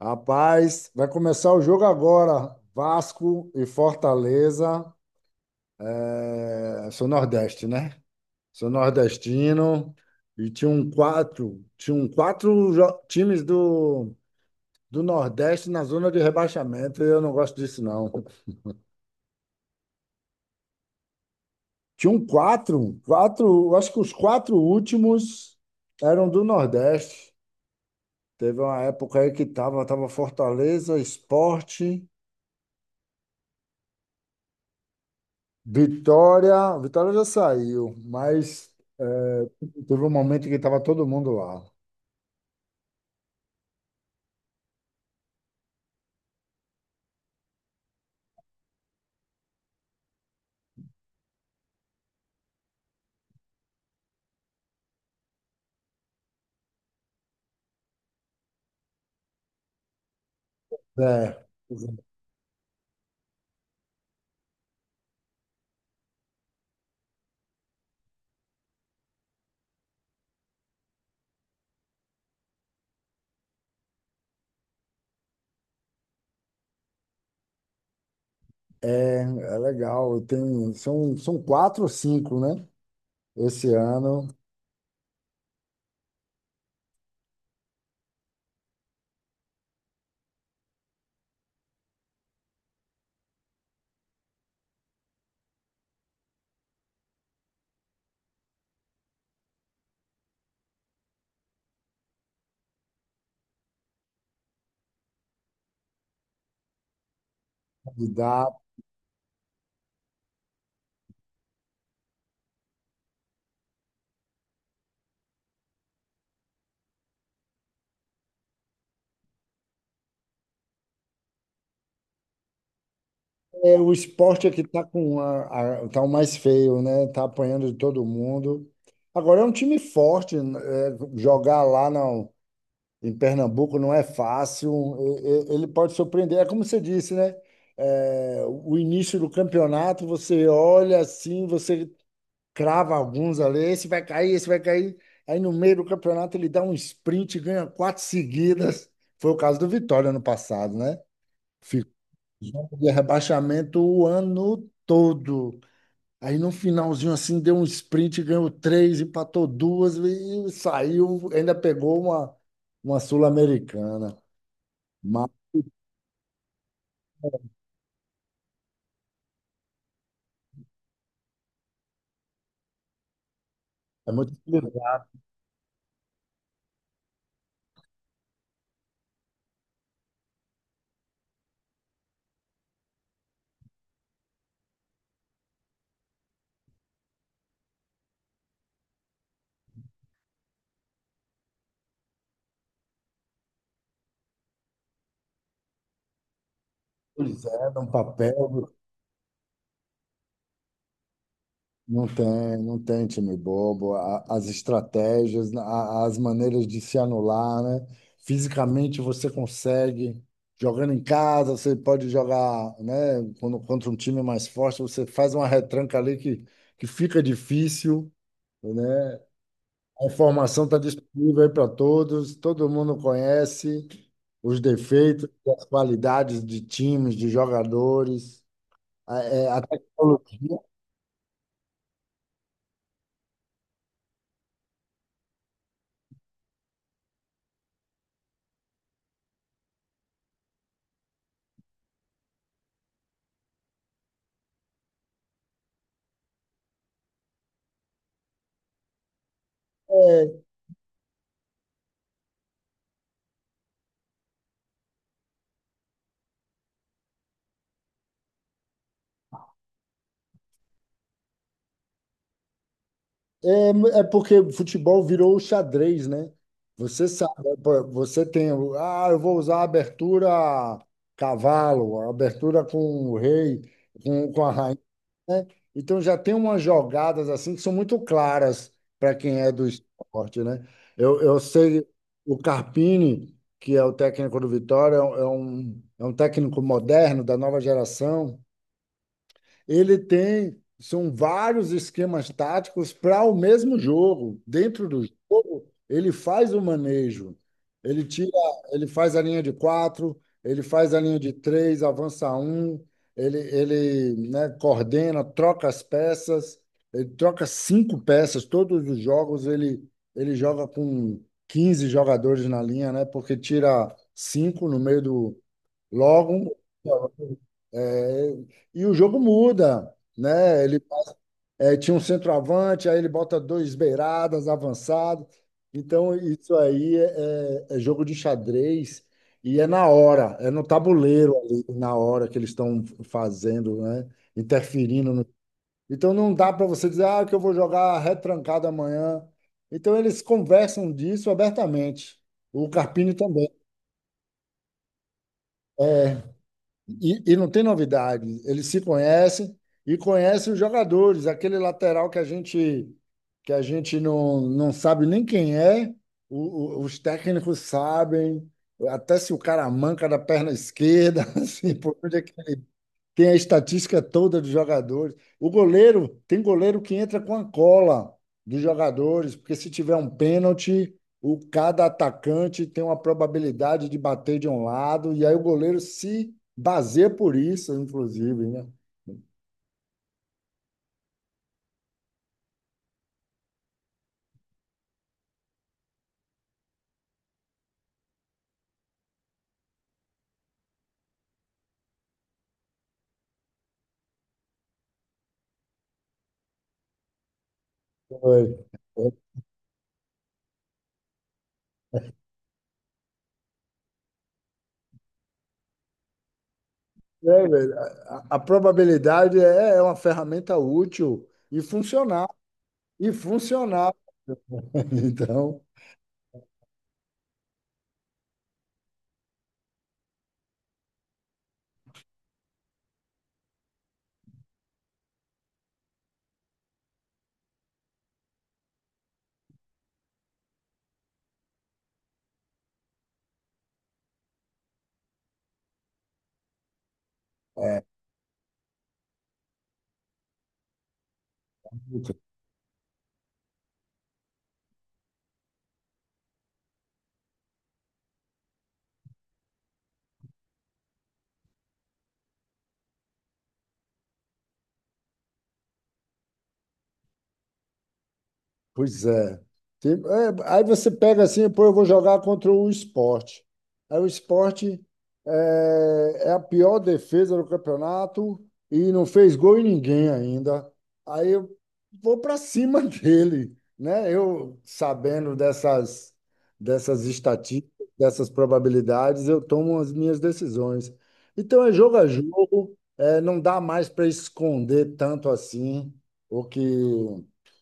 Rapaz, vai começar o jogo agora. Vasco e Fortaleza. Sou nordeste, né? Sou nordestino. E tinha um quatro, times do Nordeste na zona de rebaixamento. Eu não gosto disso, não. Tinha um quatro, quatro, eu acho que os quatro últimos eram do Nordeste. Teve uma época aí que tava Fortaleza, Sport. Vitória, Vitória já saiu, mas é, teve um momento que estava todo mundo lá. É, é legal. Tem, são, são quatro ou cinco, né? Esse ano, candidato. É, o esporte é que está com tá o mais feio, né? Está apanhando de todo mundo. Agora é um time forte, né? É, jogar lá não. Em Pernambuco não é fácil, ele pode surpreender. É como você disse, né? É, o início do campeonato, você olha assim, você crava alguns ali, esse vai cair, esse vai cair. Aí no meio do campeonato ele dá um sprint, e ganha quatro seguidas. Foi o caso do Vitória ano passado, né? Ficou de rebaixamento o ano todo. Aí no finalzinho assim deu um sprint, ganhou três, empatou duas e saiu, ainda pegou uma Sul-Americana. Mas é muito utilizado, pois é, num papel, não tem time bobo. As estratégias, as maneiras de se anular, né? Fisicamente você consegue, jogando em casa, você pode jogar, né? Quando, contra um time mais forte, você faz uma retranca que fica difícil, né? A informação está disponível aí para todos, todo mundo conhece os defeitos, as qualidades de times, de jogadores. A tecnologia é, é porque o futebol virou o xadrez, né? Você sabe, né, pô, você tem, eu vou usar a abertura cavalo, a abertura com o rei, com a rainha, né? Então já tem umas jogadas assim que são muito claras para quem é do esporte, né? Eu sei o Carpini, que é o técnico do Vitória, é um técnico moderno da nova geração. Ele tem, são vários esquemas táticos para o mesmo jogo. Dentro do jogo, ele faz o manejo. Ele tira, ele faz a linha de quatro, ele faz a linha de três, avança um, né, coordena, troca as peças, ele troca cinco peças, todos os jogos ele joga com 15 jogadores na linha, né? Porque tira cinco no meio do logo é, e o jogo muda, né? Ele é, tinha um centroavante, aí ele bota dois beiradas avançados. Então, isso aí é, é jogo de xadrez e é na hora, é no tabuleiro ali, na hora que eles estão fazendo, né? Interferindo. No- Então, não dá para você dizer, ah, que eu vou jogar retrancado amanhã. Então, eles conversam disso abertamente. O Carpini também. E, não tem novidade. Eles se conhecem e conhecem os jogadores. Aquele lateral que a gente não sabe nem quem é, os técnicos sabem, até se o cara manca da perna esquerda, assim, por onde é que ele tem a estatística toda dos jogadores. O goleiro, tem goleiro que entra com a cola dos jogadores, porque se tiver um pênalti, o cada atacante tem uma probabilidade de bater de um lado, e aí o goleiro se baseia por isso, inclusive, né? Foi. É, velho, a probabilidade é, é uma ferramenta útil e funcional. E funcional. Então, é. Pois é. Aí você pega assim, pô, eu vou jogar contra o esporte. Aí o esporte é, é a pior defesa do campeonato e não fez gol em ninguém ainda. Aí eu vou para cima dele, né? Eu sabendo dessas estatísticas, dessas probabilidades, eu tomo as minhas decisões. Então é jogo a jogo, é, não dá mais para esconder tanto assim o que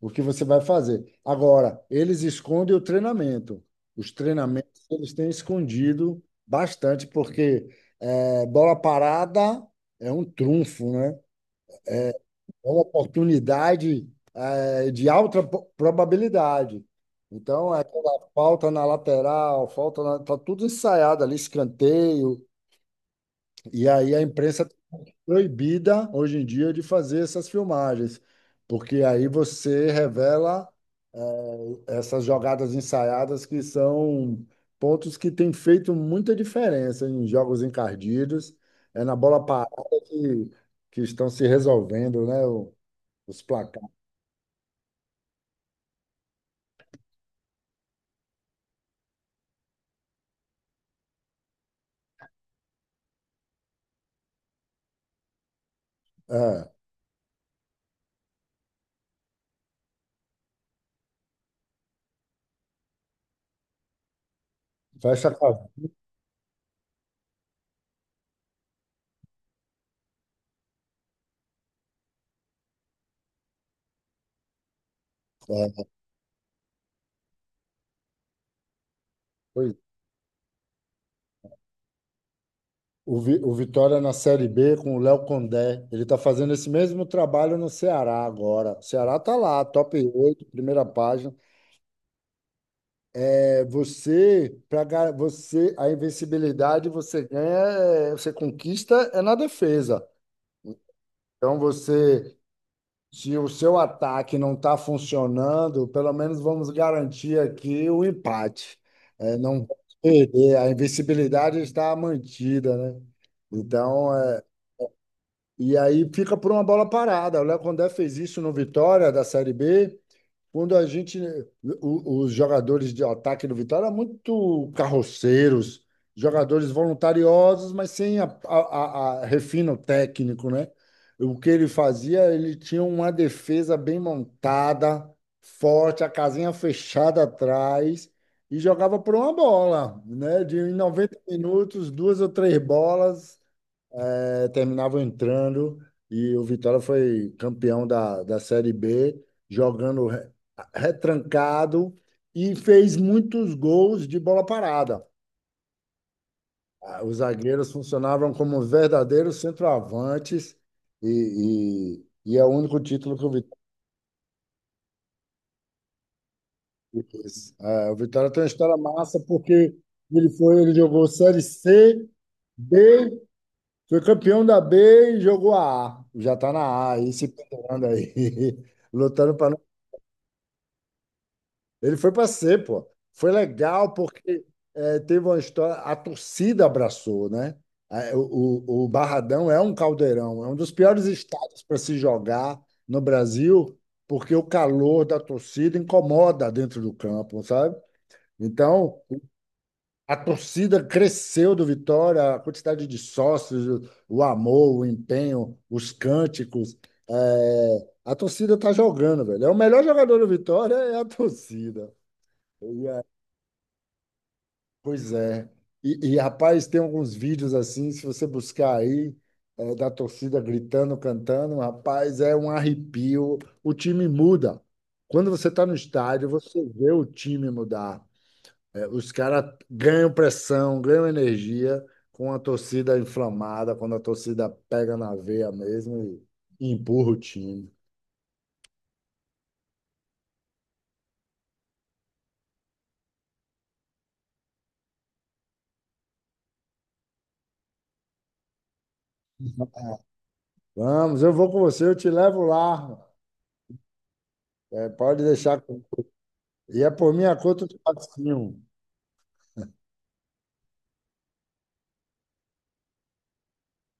o que você vai fazer. Agora, eles escondem o treinamento. Os treinamentos eles têm escondido bastante, porque é, bola parada é um trunfo, né? É uma oportunidade é, probabilidade. Então, é aquela falta na lateral, falta na, tá tudo ensaiado ali, escanteio. E aí a imprensa é proibida hoje em dia de fazer essas filmagens, porque aí você revela é, essas jogadas ensaiadas que são pontos que têm feito muita diferença em jogos encardidos. É na bola parada que, que estão se resolvendo, né? Os placares. É, fecha a cabeça. É, pois é. O Vitória na Série B com o Léo Condé. Ele está fazendo esse mesmo trabalho no Ceará agora. O Ceará está lá, top 8 primeira página. É, você, para você, a invencibilidade você ganha, é, você conquista é na defesa. Então você, se o seu ataque não está funcionando, pelo menos vamos garantir aqui o empate. É, não pode perder, a invencibilidade está mantida, né? Então, é, e aí fica por uma bola parada. O Léo Condé fez isso no Vitória da Série B, quando a gente, os jogadores de ataque do Vitória eram muito carroceiros, jogadores voluntariosos, mas sem refino técnico, né? O que ele fazia, ele tinha uma defesa bem montada, forte, a casinha fechada atrás e jogava por uma bola, né? De em 90 minutos, duas ou três bolas é, terminavam entrando e o Vitória foi campeão da Série B, jogando re- retrancado e fez muitos gols de bola parada. Ah, os zagueiros funcionavam como verdadeiros centroavantes e é o único título que o Vitória fez. É, o Vitória tem uma história massa porque ele jogou Série C, B. Foi campeão da B e jogou a A. Já está na A aí, se pendurando aí, lutando para não. Ele foi para C, pô. Foi legal porque teve uma história. A torcida abraçou, né? O Barradão é um caldeirão, é um dos piores estados para se jogar no Brasil, porque o calor da torcida incomoda dentro do campo, sabe? Então, a torcida cresceu do Vitória, a quantidade de sócios, o amor, o empenho, os cânticos. É, a torcida tá jogando, velho. O melhor jogador do Vitória é a torcida. E, é, pois é. Rapaz, tem alguns vídeos assim, se você buscar aí, é, da torcida gritando, cantando, rapaz, é um arrepio. O time muda. Quando você está no estádio, você vê o time mudar. É, os caras ganham pressão, ganham energia com a torcida inflamada, quando a torcida pega na veia mesmo e empurra o time. Vamos, eu vou com você, eu te levo lá. É, pode deixar. E é por minha conta de patrocínio.